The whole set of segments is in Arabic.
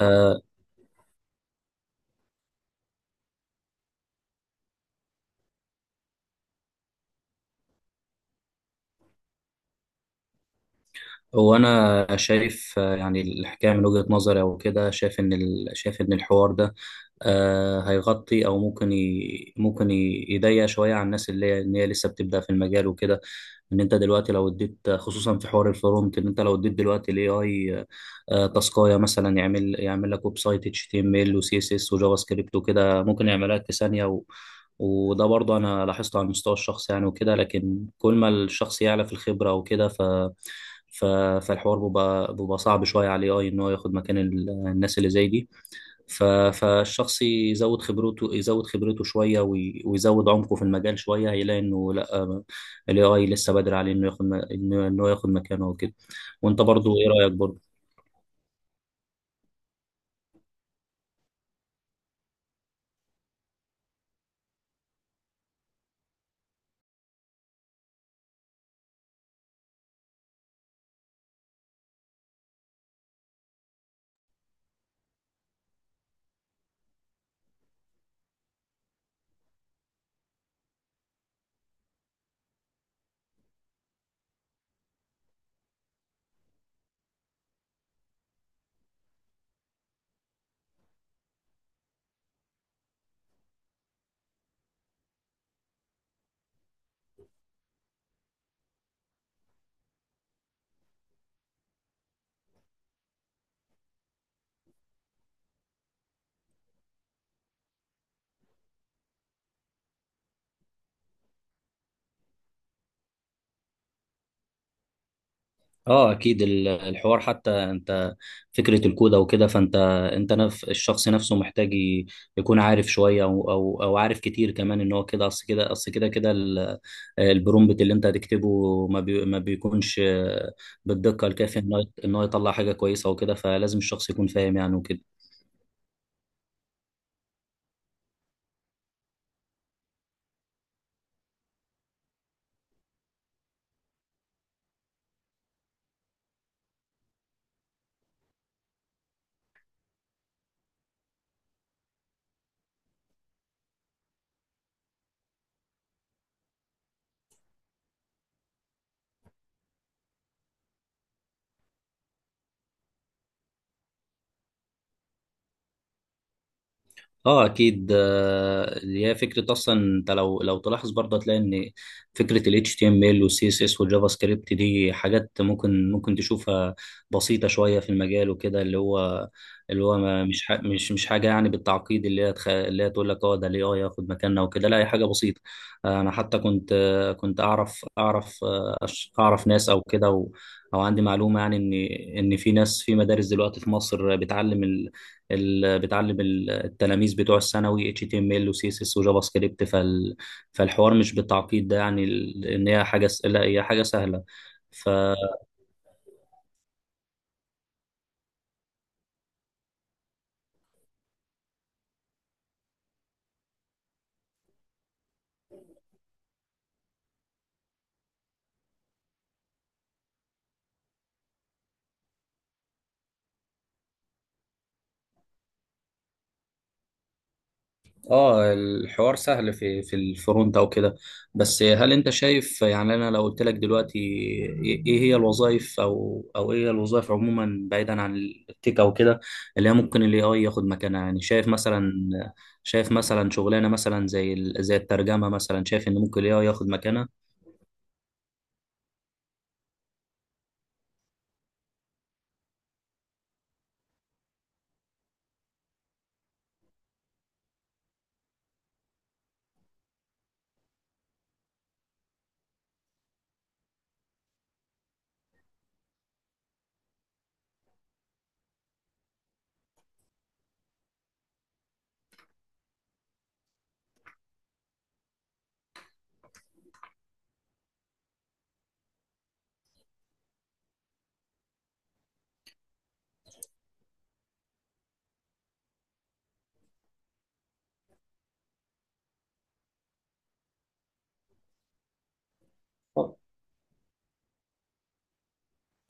آه، وانا شايف، يعني الحكايه من وجهه نظري او كده. شايف ان شايف ان الحوار ده هيغطي، او ممكن يضيق شويه على الناس اللي هي ان هي لسه بتبدا في المجال وكده. ان انت دلوقتي لو اديت، خصوصا في حوار الفرونت، ان انت لو اديت دلوقتي الاي اي تاسكايه مثلا، يعمل لك ويب سايت اتش تي ام ال وسي اس اس وجافا سكريبت وكده، ممكن يعملها لك في ثانيه. وده برضه انا لاحظته على المستوى الشخصي يعني وكده، لكن كل ما الشخص يعلى في الخبره وكده، ف ف فالحوار بيبقى صعب شويه على الاي، ان هو ياخد مكان الناس اللي زي دي. ف فالشخص يزود خبرته، شويه ويزود عمقه في المجال شويه، هيلاقي انه لا، الاي اي لسه بدري عليه انه ياخد م- انه إنه ياخد مكانه وكده. وانت برضه ايه رايك برضه؟ اه اكيد، الحوار حتى انت، فكره الكوده وكده، فانت انت الشخص نفسه محتاج يكون عارف شويه، أو عارف كتير كمان، ان هو كده اصل كده، البرومبت اللي انت هتكتبه ما بيكونش بالدقه الكافيه ان هو يطلع حاجه كويسه وكده. فلازم الشخص يكون فاهم يعني وكده. اه اكيد، اللي هي فكره اصلا. انت لو تلاحظ برضه هتلاقي ان فكره ال HTML وال CSS والجافا سكريبت دي حاجات ممكن تشوفها بسيطه شويه في المجال وكده، اللي هو ما مش ح- مش مش حاجه يعني بالتعقيد اللي هي تقول لك اه ده الاي اي ياخد مكاننا وكده. لا، هي حاجه بسيطه. انا حتى كنت، اعرف ناس او كده او عندي معلومه يعني، ان في ناس في مدارس دلوقتي في مصر بتعلم التلاميذ بتوع الثانوي HTML و CSS و جافا سكريبت، فالحوار مش بالتعقيد ده يعني. ال- ان هي حاجه س... لا هي حاجه سهله. ف اه، الحوار سهل في الفرونت او كده. بس هل انت شايف، يعني انا لو قلت لك دلوقتي، إيه هي الوظائف، او او ايه هي الوظائف عموما بعيدا عن التك او كده، اللي هي ممكن الاي اي ياخد مكانها؟ يعني شايف مثلا، شغلانه مثلا زي الترجمه مثلا، شايف ان ممكن الاي اي ياخد مكانها؟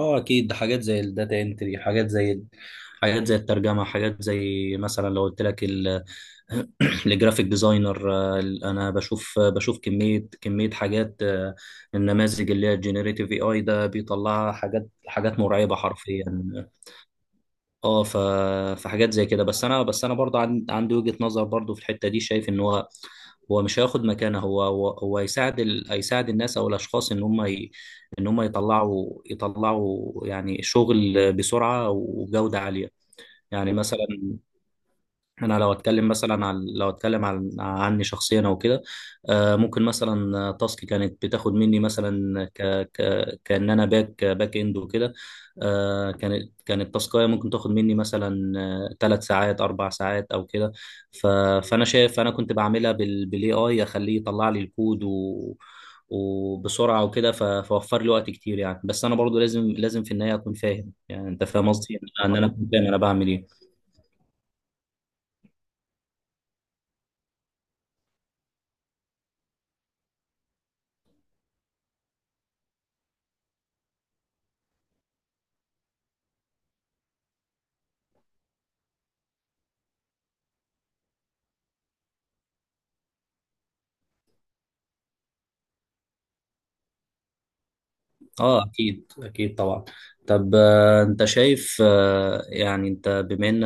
اه اكيد، حاجات زي الداتا انتري، حاجات زي، حاجات زي الترجمه، حاجات زي مثلا لو قلت لك الجرافيك ديزاينر. انا بشوف كميه حاجات. النماذج اللي هي الجينيريتيف اي اي ده بيطلعها حاجات مرعبه حرفيا. اه، فحاجات زي كده. بس انا، برضه عندي وجهة نظر برضه في الحتة دي. شايف ان هو، هو مش هياخد مكانه، هو هو, هو يساعد الناس او الاشخاص، ان هم يطلعوا، يعني شغل بسرعة وجودة عالية. يعني مثلا انا، لو اتكلم عن عني شخصيا او كده، ممكن مثلا تاسك كانت بتاخد مني مثلا ك ك كان انا باك اند وكده، كانت تاسكايه ممكن تاخد مني مثلا ثلاث ساعات، اربع ساعات او كده. ف- فانا شايف انا كنت بعملها بالاي اي، اخليه يطلع لي الكود و وبسرعه وكده. فوفر لي وقت كتير يعني. بس انا برضو لازم لازم في النهايه اكون فاهم يعني، انت فاهم قصدي، ان انا أكون فاهم انا بعمل ايه. اه اكيد، اكيد طبعا. طب انت شايف، يعني انت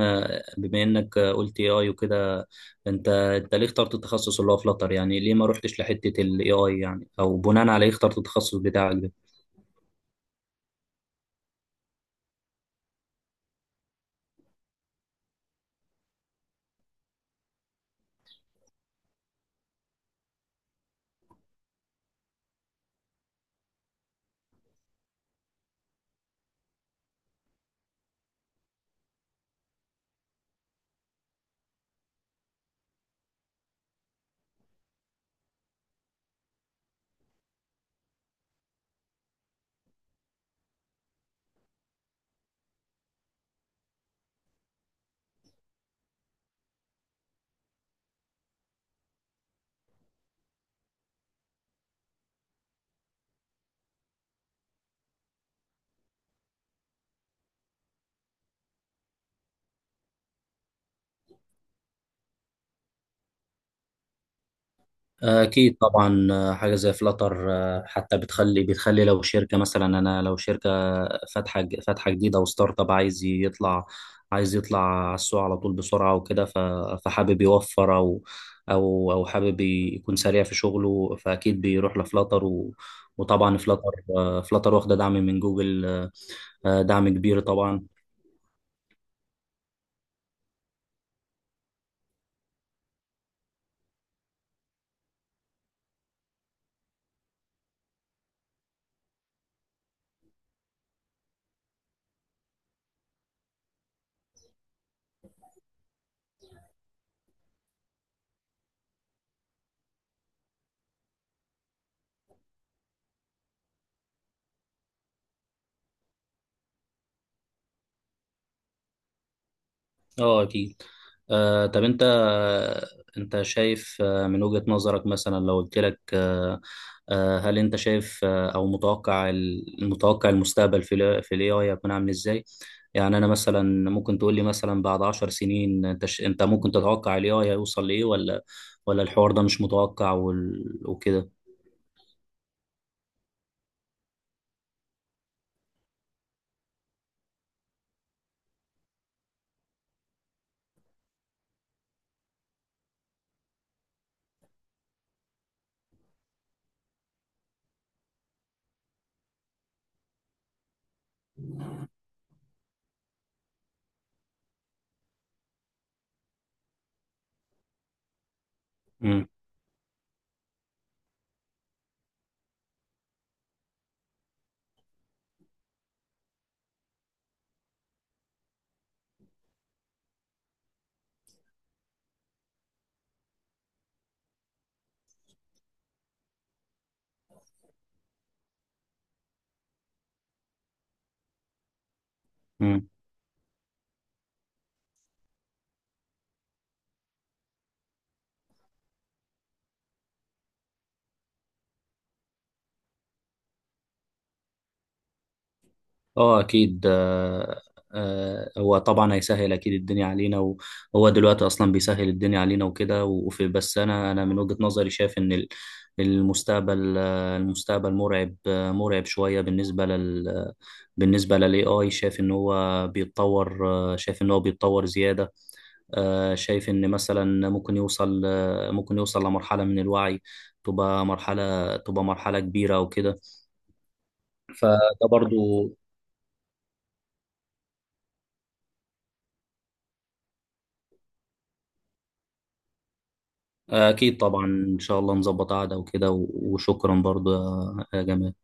بما انك قلت اي اي وكده، انت ليه اخترت التخصص اللي هو فلاتر؟ يعني ليه ما رحتش لحته الاي اي يعني؟ او بناء على ايه اخترت التخصص بتاعك ده؟ أكيد طبعا. حاجة زي فلاتر حتى بتخلي لو شركة مثلا، أنا لو شركة فاتحة جديدة، وستارت اب عايز يطلع، على السوق على طول بسرعة وكده، فحابب يوفر، أو حابب يكون سريع في شغله، فأكيد بيروح لفلاتر. و وطبعا فلاتر، فلاتر واخدة دعم من جوجل، دعم كبير طبعا. اه اكيد. طب انت شايف، من وجهة نظرك مثلا لو قلت لك، هل انت شايف او المتوقع المستقبل في ال في الاي اي هيكون عامل ازاي؟ يعني انا مثلا ممكن تقول لي مثلا بعد عشر سنين، انت ممكن تتوقع الاي اي هيوصل لايه؟ ولا الحوار ده مش متوقع وكده؟ مم. مم. اه اكيد. هو طبعا هيسهل اكيد الدنيا علينا، وهو دلوقتي اصلا بيسهل الدنيا علينا وكده. وفي بس انا، من وجهة نظري شايف ان المستقبل، مرعب، مرعب شوية بالنسبة للاي اي. شايف ان هو بيتطور، زيادة. آه، شايف ان مثلا ممكن يوصل، لمرحلة من الوعي، تبقى مرحلة، كبيرة وكده. فده برضو، أكيد طبعا إن شاء الله نظبط قعدة وكده. وشكرا برضو يا جمال.